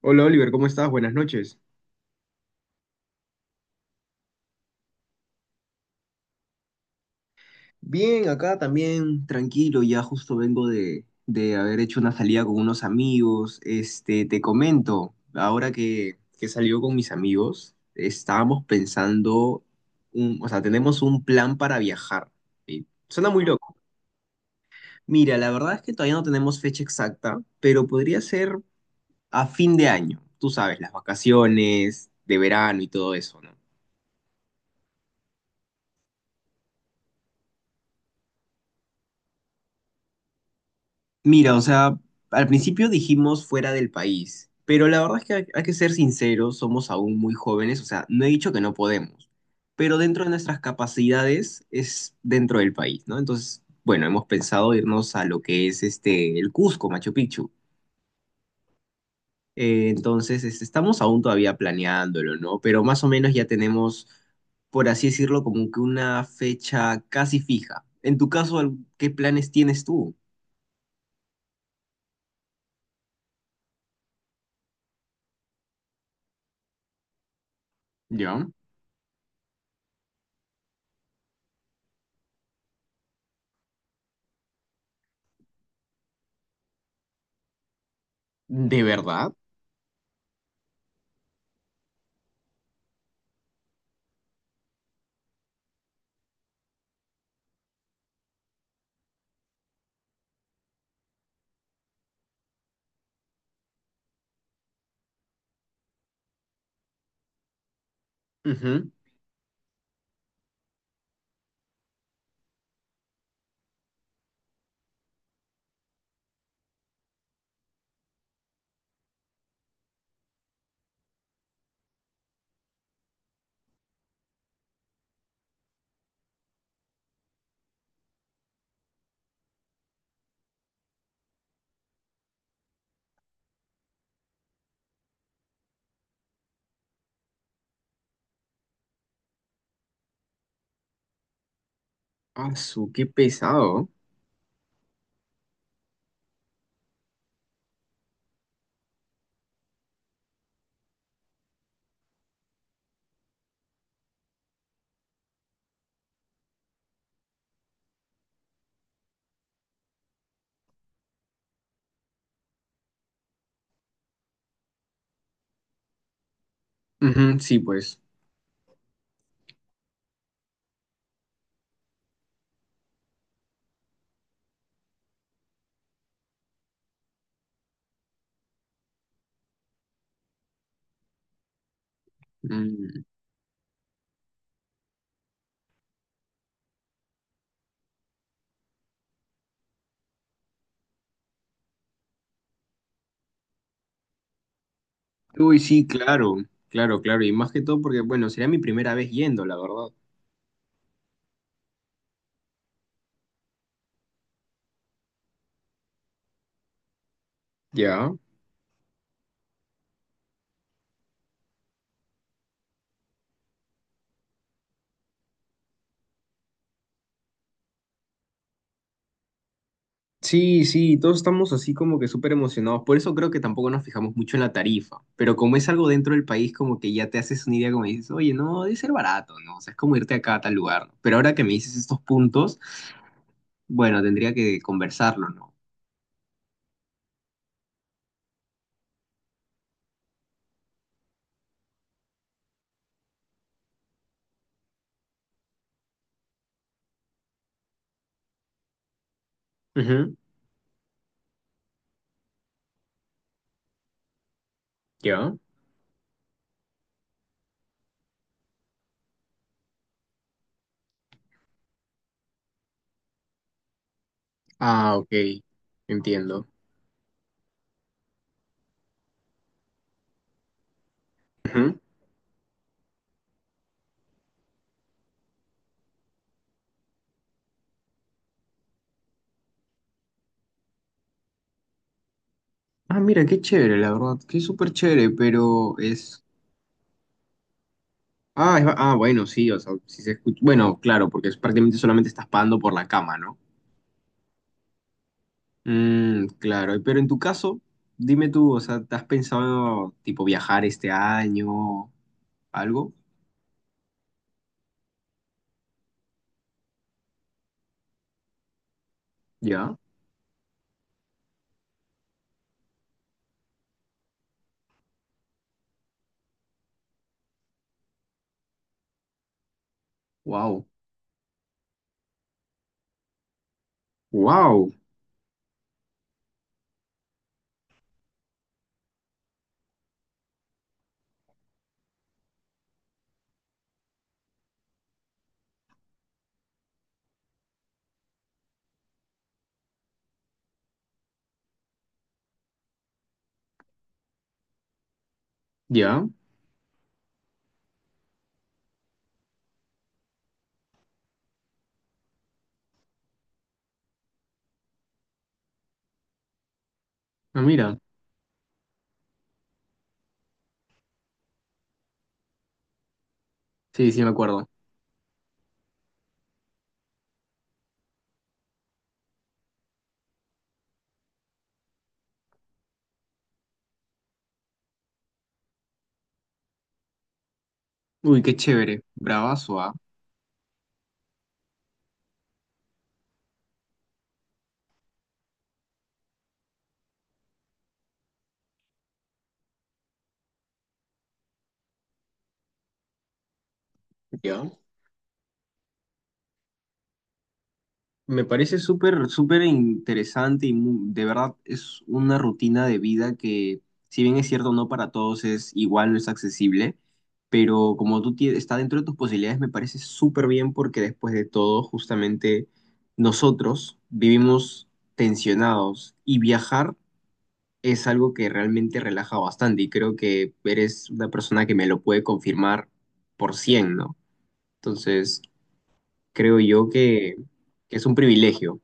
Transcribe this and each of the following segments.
Hola Oliver, ¿cómo estás? Buenas noches. Bien, acá también tranquilo, ya justo vengo de haber hecho una salida con unos amigos. Te comento, ahora que salió con mis amigos, estábamos pensando, o sea, tenemos un plan para viajar. ¿Sí? Suena muy loco. Mira, la verdad es que todavía no tenemos fecha exacta, pero podría ser a fin de año, tú sabes, las vacaciones de verano y todo eso, ¿no? Mira, o sea, al principio dijimos fuera del país, pero la verdad es que hay que ser sinceros, somos aún muy jóvenes, o sea, no he dicho que no podemos, pero dentro de nuestras capacidades es dentro del país, ¿no? Entonces, bueno, hemos pensado irnos a lo que es el Cusco, Machu Picchu. Entonces, estamos aún todavía planeándolo, ¿no? Pero más o menos ya tenemos, por así decirlo, como que una fecha casi fija. En tu caso, ¿qué planes tienes tú? ¿Ya? ¿De verdad? Asu, qué pesado. Ujú, sí, pues. Mm. Uy, sí, claro, claro, claro. Y más que todo porque, bueno, sería mi primera vez yendo, la verdad. Ya. Sí, sí, todos estamos así como que súper emocionados. Por eso creo que tampoco nos fijamos mucho en la tarifa. Pero como es algo dentro del país, como que ya te haces una idea, como dices, oye, no, debe ser barato, ¿no? O sea, es como irte acá a tal lugar, ¿no? Pero ahora que me dices estos puntos, bueno, tendría que conversarlo, ¿no? Ujú. Ya. Ah, ok. Entiendo. Ujú. Ah, mira, qué chévere, la verdad, qué súper chévere, pero es. Ah, bueno, sí, o sea, si se escucha. Bueno, claro, porque es prácticamente solamente estás pagando por la cama, ¿no? Mm, claro, pero en tu caso, dime tú, o sea, ¿te has pensado tipo viajar este año, algo? ¿Ya? Wow. Wow. ¿Ya? Ah, mira, sí, sí me acuerdo. Uy, qué chévere, bravazo, ¿ah? ¿Ya? Me parece súper, súper interesante y de verdad es una rutina de vida que, si bien es cierto, no para todos es igual, no es accesible, pero como está dentro de tus posibilidades, me parece súper bien porque después de todo, justamente nosotros vivimos tensionados y viajar es algo que realmente relaja bastante y creo que eres una persona que me lo puede confirmar por 100, ¿no? Entonces, creo yo que es un privilegio.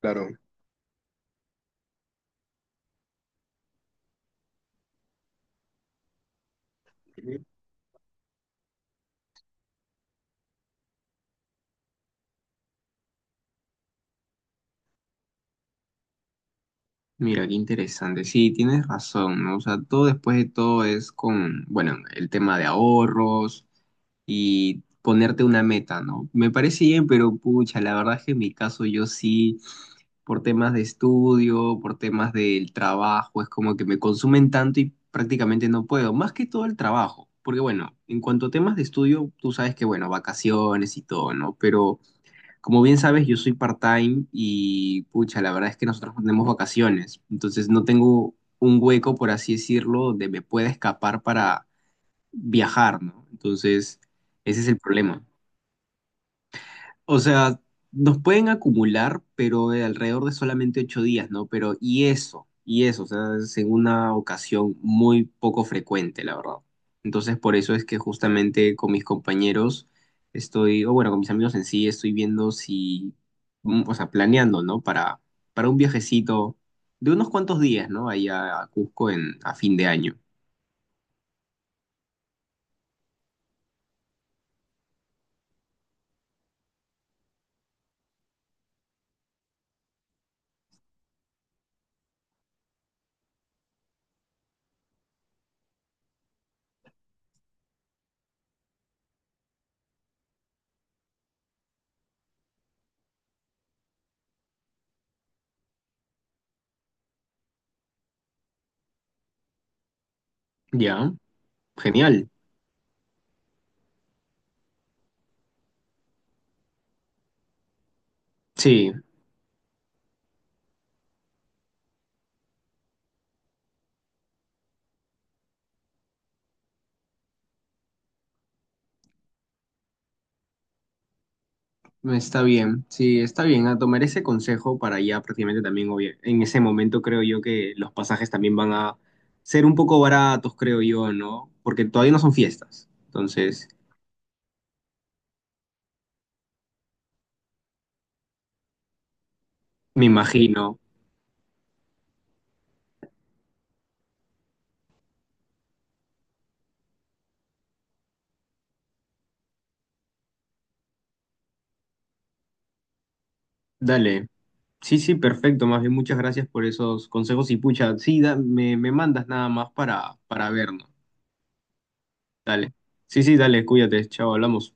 Claro, mira, qué interesante. Sí, tienes razón, ¿no? O sea, todo después de todo es con, bueno, el tema de ahorros y ponerte una meta, ¿no? Me parece bien, pero pucha, la verdad es que en mi caso yo sí, por temas de estudio, por temas del trabajo, es como que me consumen tanto y prácticamente no puedo, más que todo el trabajo, porque bueno, en cuanto a temas de estudio, tú sabes que, bueno, vacaciones y todo, ¿no? Pero. Como bien sabes, yo soy part-time y pucha, la verdad es que nosotros no tenemos vacaciones, entonces no tengo un hueco, por así decirlo, donde me pueda escapar para viajar, ¿no? Entonces, ese es el problema. O sea, nos pueden acumular, pero de alrededor de solamente 8 días, ¿no? Pero y eso, o sea, es en una ocasión muy poco frecuente, la verdad. Entonces, por eso es que justamente con mis compañeros estoy, o bueno, con mis amigos en sí, estoy viendo si, o sea, planeando, ¿no? Para un viajecito de unos cuantos días, ¿no? Ahí a Cusco a fin de año. Ya, genial. Sí, está bien, sí, está bien. A tomar ese consejo para ya prácticamente también, en ese momento creo yo que los pasajes también van a ser un poco baratos, creo yo, ¿no? Porque todavía no son fiestas. Entonces, me imagino. Dale. Sí, sí, perfecto. Más bien, muchas gracias por esos consejos y pucha, sí, me mandas nada más para vernos. Dale. Sí, sí, dale, cuídate. Chao, hablamos.